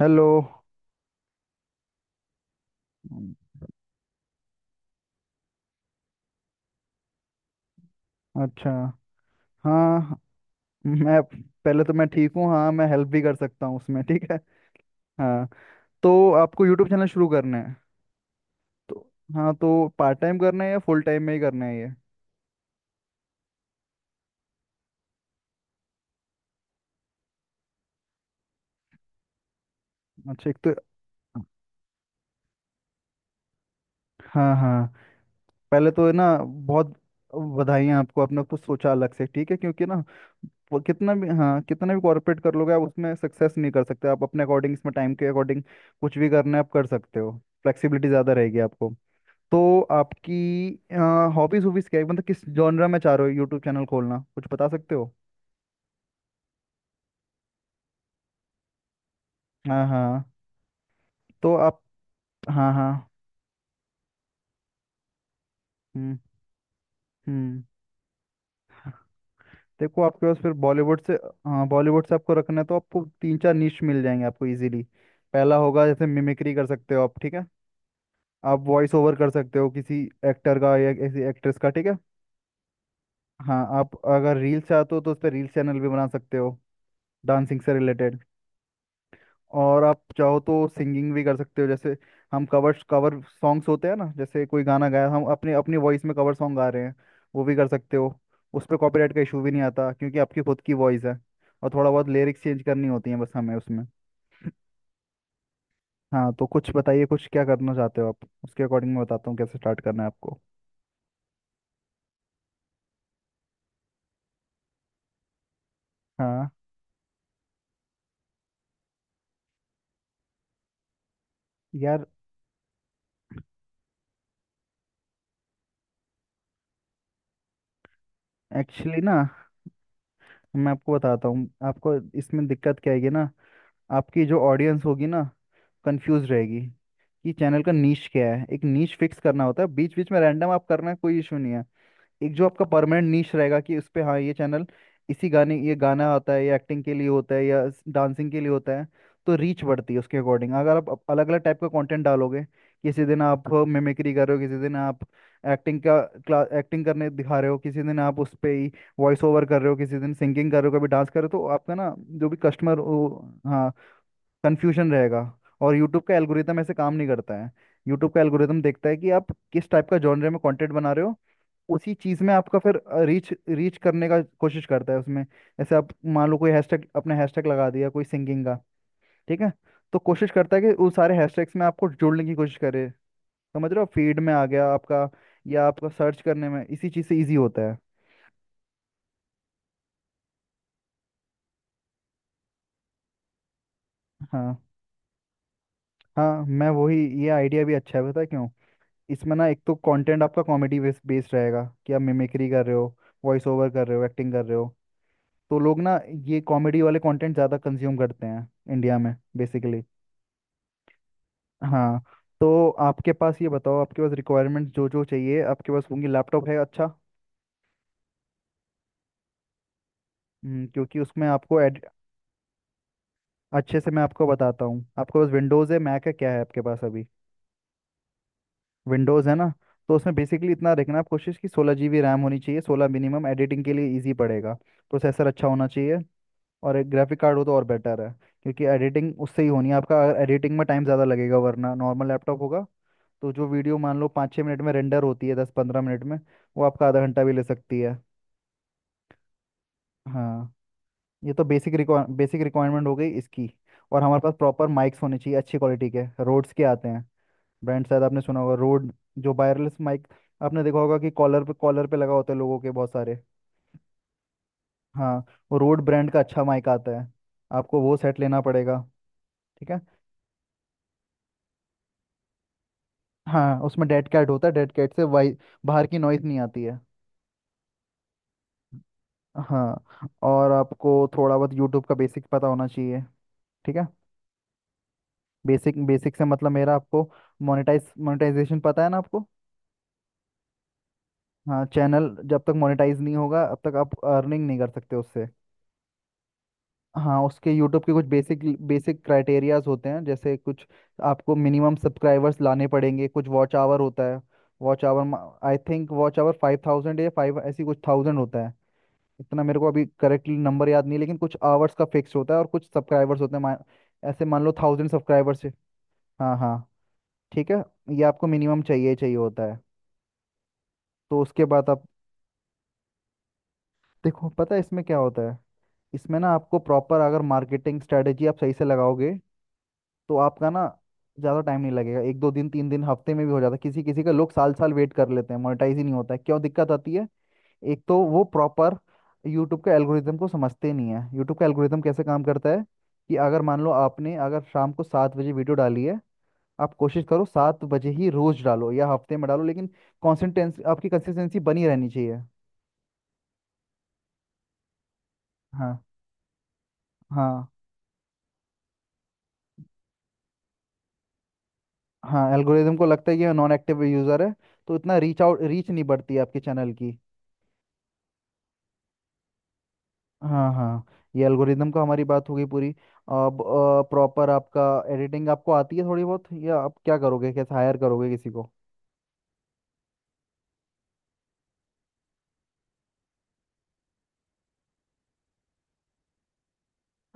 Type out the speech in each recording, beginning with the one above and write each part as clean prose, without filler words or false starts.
Hello. अच्छा। हाँ। मैं पहले तो मैं ठीक हूँ। हाँ मैं हेल्प भी कर सकता हूँ उसमें। ठीक है। हाँ तो आपको यूट्यूब चैनल शुरू करना है? तो हाँ, तो पार्ट टाइम करना है या फुल टाइम में ही करना है ये? अच्छा। एक तो हाँ हाँ पहले तो है ना बहुत बधाइयाँ आपको, आपने कुछ सोचा अलग से। ठीक है क्योंकि ना वो कितना भी, हाँ कितना भी कॉर्पोरेट कर लोगे आप उसमें सक्सेस नहीं कर सकते। आप अपने अकॉर्डिंग, इसमें टाइम के अकॉर्डिंग कुछ भी करना है आप कर सकते हो। फ्लेक्सिबिलिटी ज़्यादा रहेगी आपको। तो आपकी हॉबीज हॉबीज क्या है, मतलब किस जॉनरा में चाह रहे हो यूट्यूब चैनल खोलना? कुछ बता सकते हो? हाँ हाँ। तो आप हाँ हाँ। हम्म हम्म। देखो आपके पास फिर बॉलीवुड से, हाँ बॉलीवुड से आपको रखना है तो आपको तीन चार नीश मिल जाएंगे आपको इजीली। पहला होगा जैसे मिमिक्री कर सकते हो आप, ठीक है। आप वॉइस ओवर कर सकते हो किसी एक्टर का या किसी एक्ट्रेस का, ठीक है। हाँ आप अगर रील्स चाहते हो तो उस पर रील्स चैनल भी बना सकते हो, डांसिंग से रिलेटेड। और आप चाहो तो सिंगिंग भी कर सकते हो, जैसे हम कवर कवर सॉन्ग्स होते हैं ना, जैसे कोई गाना गाया, हम अपने अपनी वॉइस में कवर सॉन्ग गा रहे हैं, वो भी कर सकते हो। उस पर कॉपीराइट का इशू भी नहीं आता क्योंकि आपकी खुद की वॉइस है और थोड़ा बहुत लिरिक्स चेंज करनी होती है बस हमें उसमें। हाँ तो कुछ बताइए, कुछ क्या करना चाहते हो आप, उसके अकॉर्डिंग मैं बताता हूँ कैसे स्टार्ट करना है आपको। हाँ। यार एक्चुअली ना, मैं आपको बताता हूँ आपको इसमें दिक्कत क्या आएगी ना, आपकी जो ऑडियंस होगी ना कंफ्यूज रहेगी कि चैनल का नीश क्या है। एक नीश फिक्स करना होता है, बीच बीच में रैंडम आप करना, कोई इशू नहीं है। एक जो आपका परमानेंट नीश रहेगा कि उस पे हाँ, ये चैनल इसी गाने, ये गाना आता है या एक्टिंग के लिए होता है या डांसिंग के लिए होता है, तो रीच बढ़ती है उसके अकॉर्डिंग। अगर आप अलग अलग टाइप का कंटेंट डालोगे, किसी दिन आप मिमिक्री कर रहे हो, किसी दिन आप एक्टिंग का क्लास एक्टिंग करने दिखा रहे हो, किसी दिन आप उस पे ही वॉइस ओवर कर रहे हो, किसी दिन सिंगिंग कर रहे हो, कभी डांस कर रहे हो, तो आपका ना जो भी कस्टमर हो, हाँ, कंफ्यूजन रहेगा। और यूट्यूब का एल्गोरिदम ऐसे काम नहीं करता है। यूट्यूब का एल्गोरिदम देखता है कि आप किस टाइप का जॉनरे में कंटेंट बना रहे हो, उसी चीज़ में आपका फिर रीच रीच करने का कोशिश करता है उसमें। ऐसे आप मान लो कोई हैशटैग, अपने हैशटैग लगा दिया कोई सिंगिंग का, ठीक है, तो कोशिश करता है कि उस सारे हैशटैग्स में आपको जोड़ने की कोशिश करे। समझ रहे हो, फीड में आ गया आपका, या आपका सर्च करने में इसी चीज़ से ईजी होता है। हाँ हाँ मैं वही, ये आइडिया भी अच्छा है, पता है क्यों? इसमें ना एक तो कंटेंट आपका कॉमेडी बेस्ड रहेगा कि आप मिमिक्री कर रहे हो, वॉइस ओवर कर रहे हो, एक्टिंग कर रहे हो, तो लोग ना ये कॉमेडी वाले कंटेंट ज़्यादा कंज्यूम करते हैं इंडिया में, बेसिकली। हाँ तो आपके पास, ये बताओ आपके पास रिक्वायरमेंट्स जो जो चाहिए आपके पास होंगी? लैपटॉप है? अच्छा। क्योंकि उसमें आपको एड, अच्छे से मैं आपको बताता हूँ। आपके पास विंडोज़ है, मैक है, क्या है आपके पास अभी? विंडोज़ है ना, तो उसमें बेसिकली इतना देखना, आप कोशिश कि 16 GB रैम होनी चाहिए, 16 मिनिमम, एडिटिंग के लिए ईजी पड़ेगा। प्रोसेसर अच्छा होना चाहिए और एक ग्राफिक कार्ड हो तो और बेटर है, क्योंकि एडिटिंग उससे ही होनी है। आपका एडिटिंग में टाइम ज़्यादा लगेगा वरना, नॉर्मल लैपटॉप होगा तो जो वीडियो मान लो 5-6 मिनट में रेंडर होती है, 10-15 मिनट में, वो आपका आधा घंटा भी ले सकती है। हाँ ये तो बेसिक रिक्वा बेसिक रिक्वायरमेंट हो गई इसकी। और हमारे पास प्रॉपर माइक्स होने चाहिए अच्छी क्वालिटी के, रोड्स के आते हैं, ब्रांड शायद आपने सुना होगा, रोड, जो वायरलेस माइक, आपने देखा होगा कि कॉलर पे लगा होता है लोगों के बहुत सारे। हाँ वो रोड ब्रांड का अच्छा माइक आता है, आपको वो सेट लेना पड़ेगा। ठीक है। हाँ उसमें डेड कैट होता है, डेड कैट से वाई बाहर की नॉइज नहीं आती है। हाँ और आपको थोड़ा बहुत यूट्यूब का बेसिक पता होना चाहिए, ठीक है। बेसिक बेसिक से मतलब मेरा, आपको मोनेटाइजेशन पता है ना आपको? हाँ चैनल जब तक मोनेटाइज नहीं होगा अब तक आप अर्निंग नहीं कर सकते उससे। हाँ उसके, यूट्यूब के कुछ बेसिक बेसिक क्राइटेरियाज होते हैं, जैसे कुछ आपको मिनिमम सब्सक्राइबर्स लाने पड़ेंगे, कुछ वॉच आवर होता है। Watch hour, I think watch our 5000 या फाइव, ऐसी कुछ थाउजेंड होता है, इतना मेरे को अभी करेक्टली नंबर याद नहीं है, लेकिन कुछ आवर्स का फिक्स होता है और कुछ सब्सक्राइबर्स होते हैं। मान, ऐसे मान लो 1000 सब्सक्राइबर्स है। हाँ हाँ ठीक है। ये आपको मिनिमम चाहिए ही चाहिए होता है। तो उसके बाद आप, देखो पता है इसमें क्या होता है, इसमें ना आपको प्रॉपर अगर मार्केटिंग स्ट्रेटेजी आप सही से लगाओगे तो आपका ना ज़्यादा टाइम नहीं लगेगा। एक दो दिन, तीन दिन, हफ्ते में भी हो जाता है। किसी किसी का लोग साल साल वेट कर लेते हैं, मोनेटाइज ही नहीं होता है, क्यों दिक्कत आती है? एक तो वो प्रॉपर यूट्यूब के एल्गोरिदम को समझते नहीं है। यूट्यूब का एल्गोरिदम कैसे काम करता है कि अगर मान लो आपने, अगर शाम को 7 बजे वीडियो डाली है, आप कोशिश करो 7 बजे ही रोज डालो या हफ्ते में डालो, लेकिन कॉन्सिस्टेंस आपकी कंसिस्टेंसी बनी रहनी चाहिए। हाँ हाँ हाँ एल्गोरिदम को लगता है ये नॉन एक्टिव यूजर है, तो इतना रीच नहीं बढ़ती है आपके चैनल की। हाँ हाँ। ये एल्गोरिदम का हमारी बात हो गई पूरी। अब प्रॉपर आपका, एडिटिंग आपको आती है थोड़ी बहुत, या आप क्या करोगे, कैसे हायर करोगे किसी को?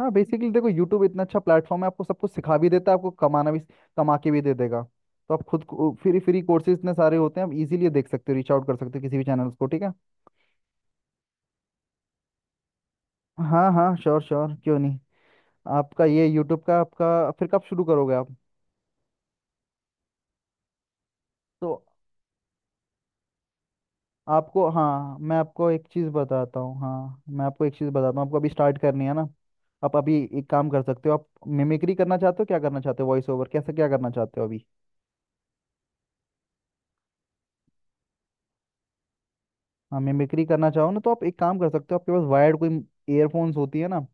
हाँ बेसिकली देखो, यूट्यूब इतना अच्छा प्लेटफॉर्म है, आपको सब कुछ सिखा भी देता है, आपको कमाना भी, कमा के भी दे देगा। तो आप खुद को फ्री फ्री कोर्सेज इतने सारे होते हैं, आप इजीली देख सकते हो, रीच आउट कर सकते हो किसी भी चैनल को, ठीक है। हाँ हाँ श्योर श्योर क्यों नहीं। आपका ये यूट्यूब का, आपका फिर कब शुरू करोगे आप? तो आपको हाँ मैं आपको एक चीज़ बताता हूँ। हाँ मैं आपको एक चीज़ बताता हूँ, आपको अभी स्टार्ट करनी है ना, आप अभी एक काम कर सकते हो। आप मिमिक्री करना चाहते हो, क्या करना चाहते हो, वॉइस ओवर, कैसे क्या करना चाहते हो अभी? हाँ मिमिक्री करना चाहो ना तो आप एक काम कर सकते हो, आपके पास वायर्ड कोई ईयरफोन्स होती है ना,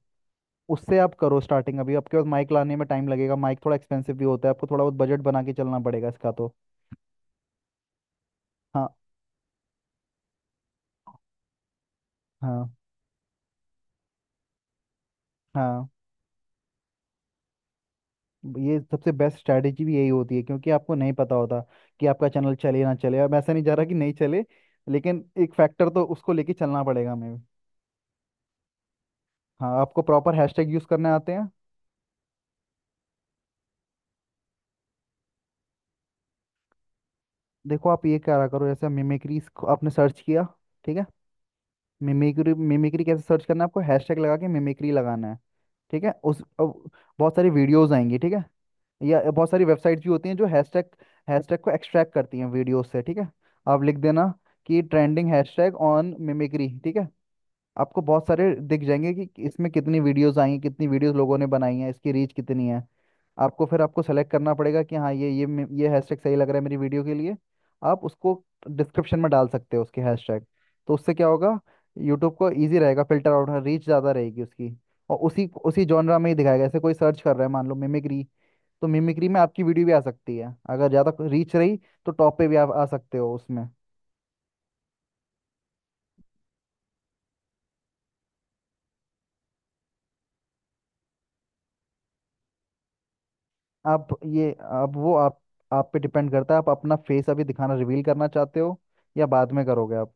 उससे आप करो स्टार्टिंग। अभी आपके पास माइक लाने में टाइम लगेगा, माइक थोड़ा एक्सपेंसिव भी होता है, आपको थोड़ा बहुत बजट बना के चलना पड़ेगा इसका, तो हाँ हाँ हाँ। ये सबसे बेस्ट स्ट्रैटेजी भी यही होती है, क्योंकि आपको नहीं पता होता कि आपका चैनल चले ना चले। अब ऐसा नहीं जा रहा कि नहीं चले, लेकिन एक फैक्टर तो उसको लेके चलना पड़ेगा हमें। हाँ आपको प्रॉपर हैशटैग यूज़ करने आते हैं? देखो आप ये क्या करो, जैसे मिमिक्रीज आपने सर्च किया, ठीक है, मिमिक्री, कैसे सर्च करना है आपको, हैशटैग लगा के मिमिक्री लगाना है, ठीक है। उस अब बहुत सारी वीडियोस आएंगी, ठीक है, या बहुत सारी वेबसाइट्स भी होती हैं जो हैशटैग हैशटैग को एक्सट्रैक्ट करती हैं वीडियोस से, ठीक है। आप लिख देना कि ट्रेंडिंग हैशटैग ऑन मिमिक्री, ठीक है, आपको बहुत सारे दिख जाएंगे कि इसमें कितनी वीडियोस आई हैं, कितनी वीडियोस लोगों ने बनाई हैं, इसकी रीच कितनी है। आपको फिर आपको सेलेक्ट करना पड़ेगा कि हाँ ये ये हैशटैग सही लग रहा है मेरी वीडियो के लिए। आप उसको डिस्क्रिप्शन में डाल सकते हो, उसके हैशटैग। तो उससे क्या होगा, यूट्यूब को इजी रहेगा फिल्टर आउट, रीच ज़्यादा रहेगी उसकी, और उसी उसी जॉनरा में ही दिखाएगा। जैसे कोई सर्च कर रहा है, मान लो मिमिक्री, तो मिमिक्री में आपकी वीडियो भी आ सकती है, अगर ज़्यादा रीच रही तो टॉप पे भी आप आ सकते हो उसमें। आप ये अब वो आप पे डिपेंड करता है, आप अपना फेस अभी दिखाना, रिवील करना चाहते हो या बाद में करोगे आप?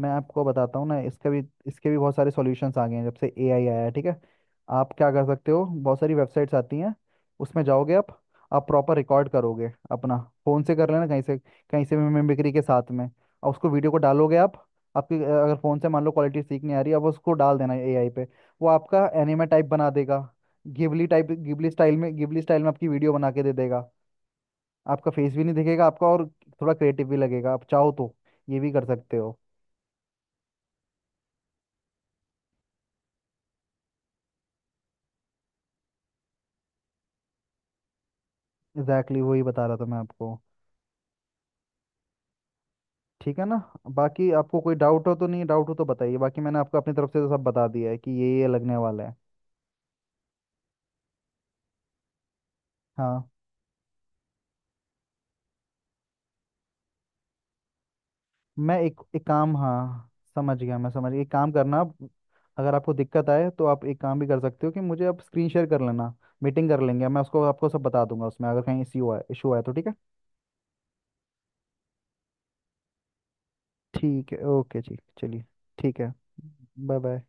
मैं आपको बताता हूँ ना इसका भी, इसके भी बहुत सारे सॉल्यूशंस आ गए हैं जब से AI आया है, ठीक है। आप क्या कर सकते हो, बहुत सारी वेबसाइट्स आती हैं, उसमें जाओगे आप प्रॉपर रिकॉर्ड करोगे अपना, फ़ोन से कर लेना, कहीं से भी, मिमिक्री के साथ में, और उसको वीडियो को डालोगे आप। आपकी अगर फ़ोन से मान लो क्वालिटी ठीक नहीं आ रही, अब उसको डाल देना AI पे, वो आपका एनिमे टाइप बना देगा, गिबली स्टाइल में, गिबली स्टाइल में आपकी वीडियो बना के दे देगा। आपका फेस भी नहीं दिखेगा आपका, और थोड़ा क्रिएटिव भी लगेगा, आप चाहो तो ये भी कर सकते हो। एग्जैक्टली, exactly वही बता रहा था मैं आपको, ठीक है ना। बाकी आपको कोई डाउट हो तो, नहीं डाउट हो तो बताइए, बाकी मैंने आपको अपनी तरफ से तो सब बता दिया है कि ये लगने वाला है। हाँ मैं एक एक काम, हाँ समझ गया, मैं समझ गया, एक काम करना आप, अगर आपको दिक्कत आए तो आप एक काम भी कर सकते हो कि मुझे आप स्क्रीन शेयर कर लेना, मीटिंग कर लेंगे, मैं उसको आपको सब बता दूंगा उसमें, अगर कहीं इश्यू आए इशू आए तो, ठीक है। ठीक है ओके जी चलिए। ठीक है। Bye bye.